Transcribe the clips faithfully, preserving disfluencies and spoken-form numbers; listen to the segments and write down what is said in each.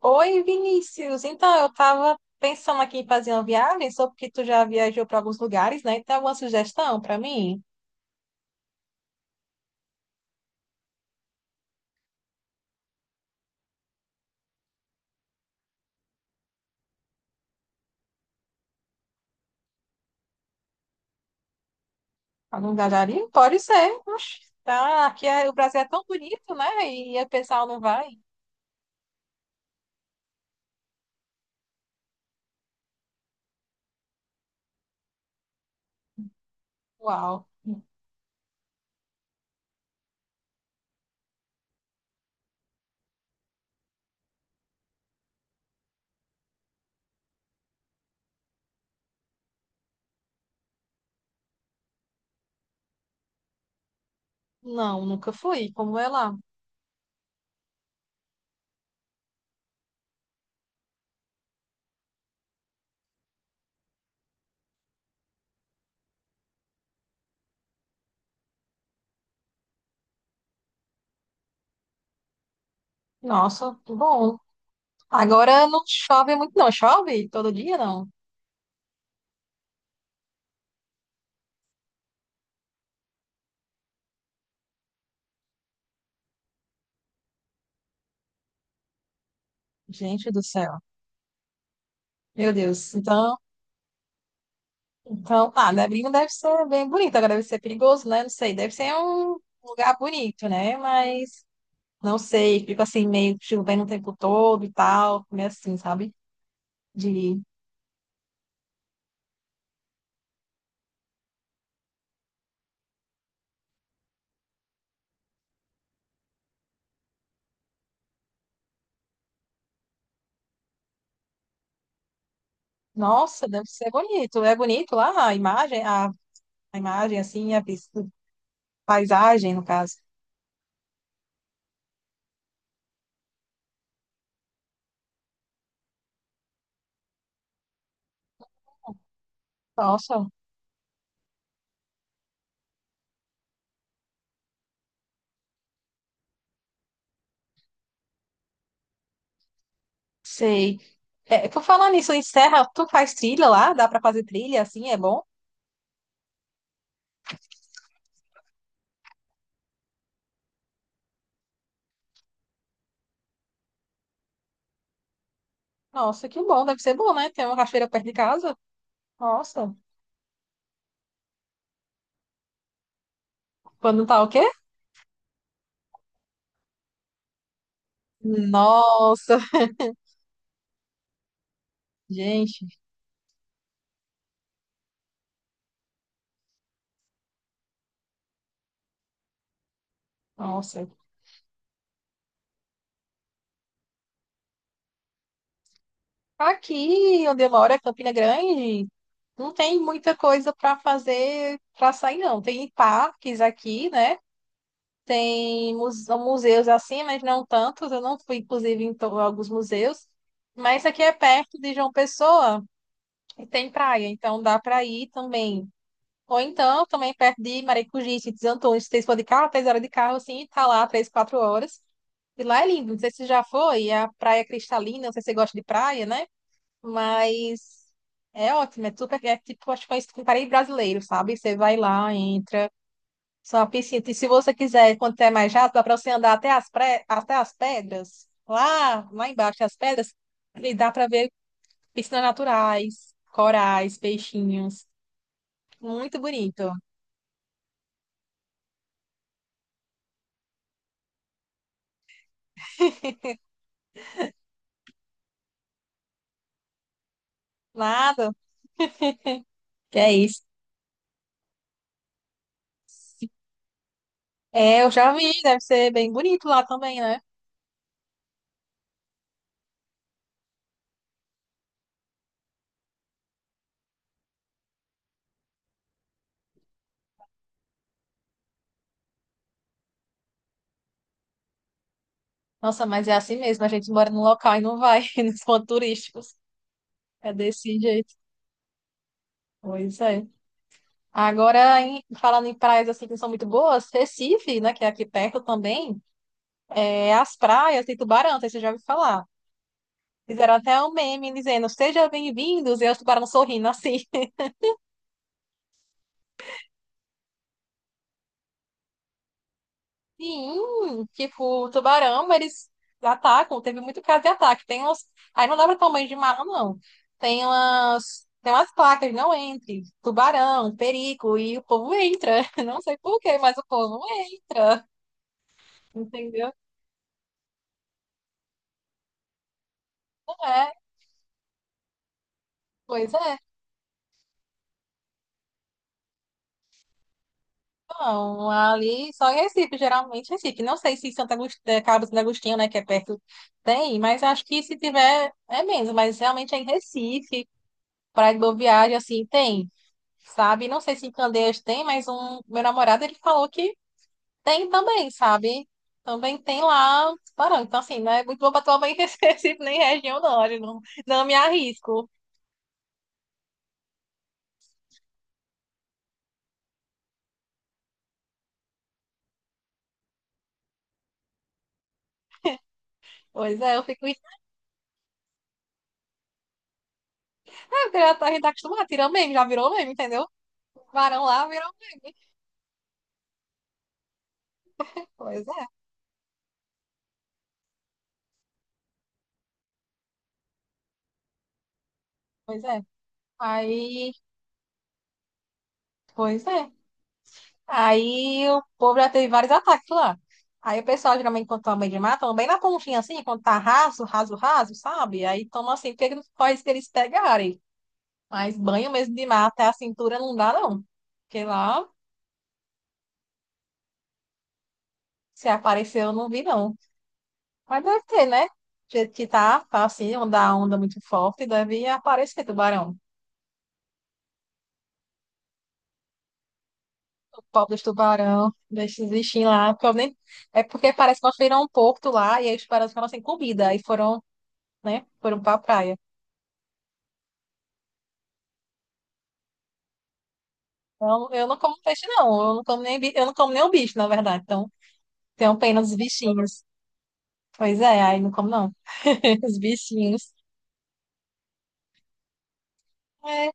Oi, Vinícius. Então, eu estava pensando aqui em fazer uma viagem, só porque tu já viajou para alguns lugares, né? Tem alguma sugestão para mim? Algum lugarinho? Pode ser. Oxe, tá. Aqui é, o Brasil é tão bonito, né? E o pessoal não vai. Uau. Não, nunca fui. Como é lá? Nossa, que bom. Agora não chove muito, não. Chove todo dia, não? Gente do céu. Meu Deus. Então, então, ah, Nebrinho deve ser bem bonito. Agora deve ser perigoso, né? Não sei. Deve ser um lugar bonito, né? Mas não sei, fico assim, meio chovendo o tempo todo e tal, meio assim, sabe? De, nossa, deve ser bonito. É bonito lá a imagem, a, a imagem, assim, a vis- paisagem, no caso. Nossa, sei. É, por falar nisso, em Serra, tu faz trilha lá? Dá pra fazer trilha, assim, é bom? Nossa, que bom, deve ser bom, né? Tem uma cachoeira perto de casa. Nossa, quando tá o quê? Nossa, gente, nossa. Aqui onde eu moro é Campina Grande, não tem muita coisa para fazer, para sair, não. Tem parques aqui, né? Tem muse- museus assim, mas não tantos. Eu não fui, inclusive, em to- alguns museus. Mas aqui é perto de João Pessoa e tem praia, então dá para ir também. Ou então, também perto de Maracujipe, de Antônio, se vocês for de carro, três horas de carro, assim, tá lá três, quatro horas. E lá é lindo, não sei se já foi, é a praia cristalina, não sei se você gosta de praia, né? Mas é ótimo, é super, é tipo, acho que é um parei brasileiro, sabe? Você vai lá, entra, só uma piscina. E se você quiser, quando é mais rápido, dá para você andar até as, pré, até as pedras, lá, lá embaixo das pedras, e dá para ver piscinas naturais, corais, peixinhos. Muito bonito. Nada, que é isso. É, eu já vi, deve ser bem bonito lá também, né? Nossa, mas é assim mesmo, a gente mora num local e não vai nos pontos turísticos. É desse jeito. Pois é. Agora, em- falando em praias assim que não são muito boas, Recife, né, que é aqui perto também, é as praias tem tubarão, não sei se você já ouviu falar. Fizeram até um meme dizendo, sejam bem-vindos, e aí os tubarão sorrindo assim. Sim, tipo, tubarão, eles atacam, teve muito caso de ataque. Tem uns, aí não dá pra tomar banho de mar, não. Tem umas, tem umas placas, não entre, tubarão, perigo, e o povo entra. Não sei por quê, mas o povo entra, entendeu? Não é, pois é. Não, ali só em Recife, geralmente Recife. Não sei se Santa Agust... eh, Cabo Santo Agostinho, né, que é perto, tem, mas acho que se tiver é menos, mas realmente é em Recife, Praia de Boa Viagem, assim, tem, sabe? Não sei se em Candeias tem, mas um meu namorado, ele falou que tem também, sabe? Também tem lá tubarão. Então, assim, não é muito bom pra tomar em Recife, nem região, não, eu não, não me arrisco. Pois é, eu fico, ah, Porque já tá, a gente tá acostumado, tirando meme, já virou meme, entendeu? Tubarão lá virou meme. Pois é, pois é. Aí, pois é. Aí o povo já teve vários ataques lá. Aí o pessoal geralmente quando toma banho de mar, toma bem na pontinha assim, quando tá raso, raso, raso, sabe? Aí toma assim, porque não pode que eles pegarem. Mas banho mesmo de mar até a cintura não dá, não. Porque lá, se apareceu, eu não vi, não. Mas deve ter, né? Do jeito que tá, tá assim, onda, onda muito forte, deve aparecer tubarão. O povo dos tubarão, desses bichinhos lá, porque eu nem- é porque parece que nós viram um porto lá e aí os tubarões ficaram sem comida. Aí foram, né? Foram pra praia. Então, eu não como peixe, não. Eu não como nem, bi- eu não como nem o bicho, na verdade. Então, tenho pena os bichinhos. Pois é, aí não como, não. Os bichinhos. É,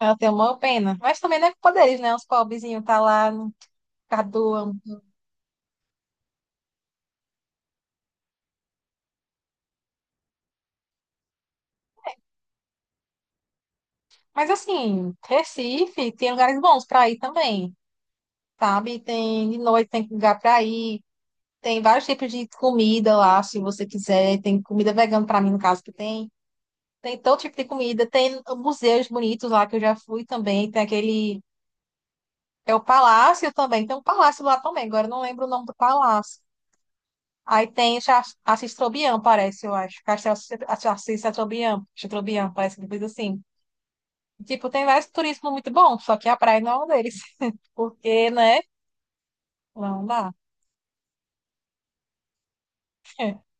eu tenho uma pena. Mas também não é culpa deles, né? Os pobrezinhos tá lá, não perdoam. Mas, assim, Recife tem lugares bons pra ir também, sabe? Tem de noite, tem lugar pra ir. Tem vários tipos de comida lá, se você quiser. Tem comida vegana, pra mim, no caso, que tem. Tem todo tipo de comida, tem museus bonitos lá que eu já fui também, tem aquele. É o Palácio também, tem um palácio lá também, agora eu não lembro o nome do palácio. Aí tem Cha- Assis Trobian, parece, eu acho. Castelo Assis Assis Trobian, Assis Trobian, parece que coisa assim. Tipo, tem vários turismo muito bom, só que a praia não é um deles. Porque, né? Não dá.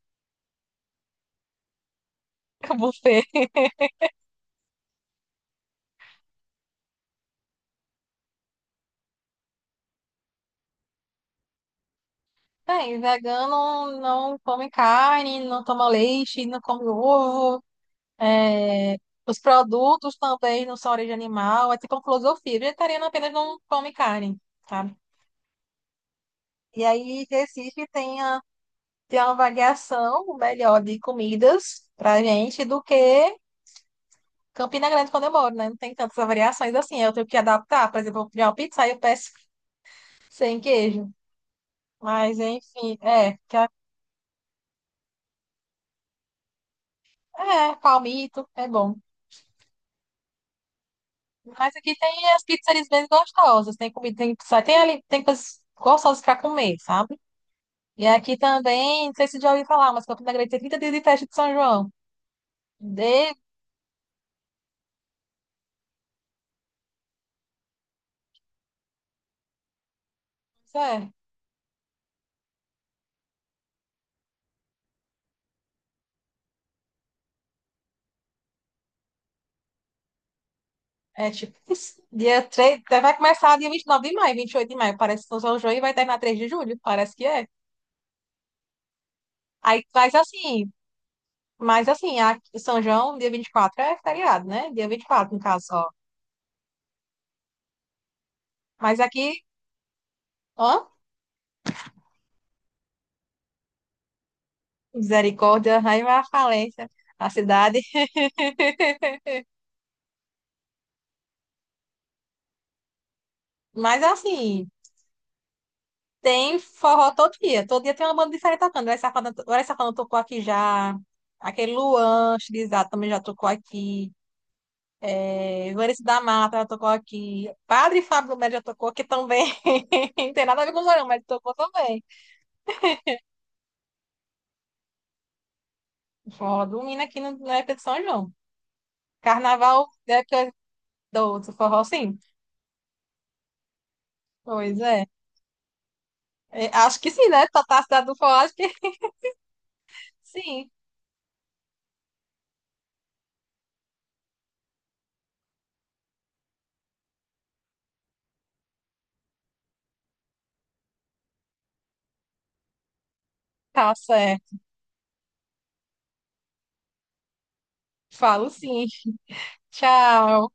Buffet. Tem, vegano não come carne, não toma leite, não come ovo. É, os produtos também não são origem animal, é tipo uma filosofia. Vegetariano apenas não come carne, sabe? E aí, Recife tem, a, tem uma variação melhor de comidas pra gente do que Campina Grande, quando eu moro, né? Não tem tantas variações assim. Eu tenho que adaptar. Por exemplo, eu vou pedir uma pizza aí eu peço sem queijo. Mas, enfim, é, que a- é, palmito, é bom. Mas aqui tem as pizzarias bem gostosas. Tem comida, tem pizza, tem ali, tem coisas gostosas pra comer, sabe? E aqui também, não sei se já ouviu falar, mas Campina Grande tem trinta dias de festa de São João. De... É, é tipo isso. Dia três, vai começar dia vinte e nove de maio, vinte e oito de maio, parece que São João, e vai terminar três de julho, parece que é. Aí faz assim, mas assim, aqui, São João, dia vinte e quatro é feriado, né? Dia vinte e quatro no caso só. Mas aqui, ó, misericórdia, aí vai a falência, a cidade. Mas assim, tem forró todo dia. Todo dia tem uma banda diferente tocando. Vai Safadão, Vai Safadão tocou aqui já. Aquele Luan Estilizado também já tocou aqui. É, Vanessa da Mata já tocou aqui. Padre Fábio Melo já tocou aqui também. Não tem nada a ver com o Zorão, mas tocou também. O Forró do Mina aqui no, na época de São João. Carnaval é que é do outro forró, sim. Pois é. É, acho que sim, né? Tá, tá a cidade do forró, acho que sim. Tá certo. Falo sim. Tchau.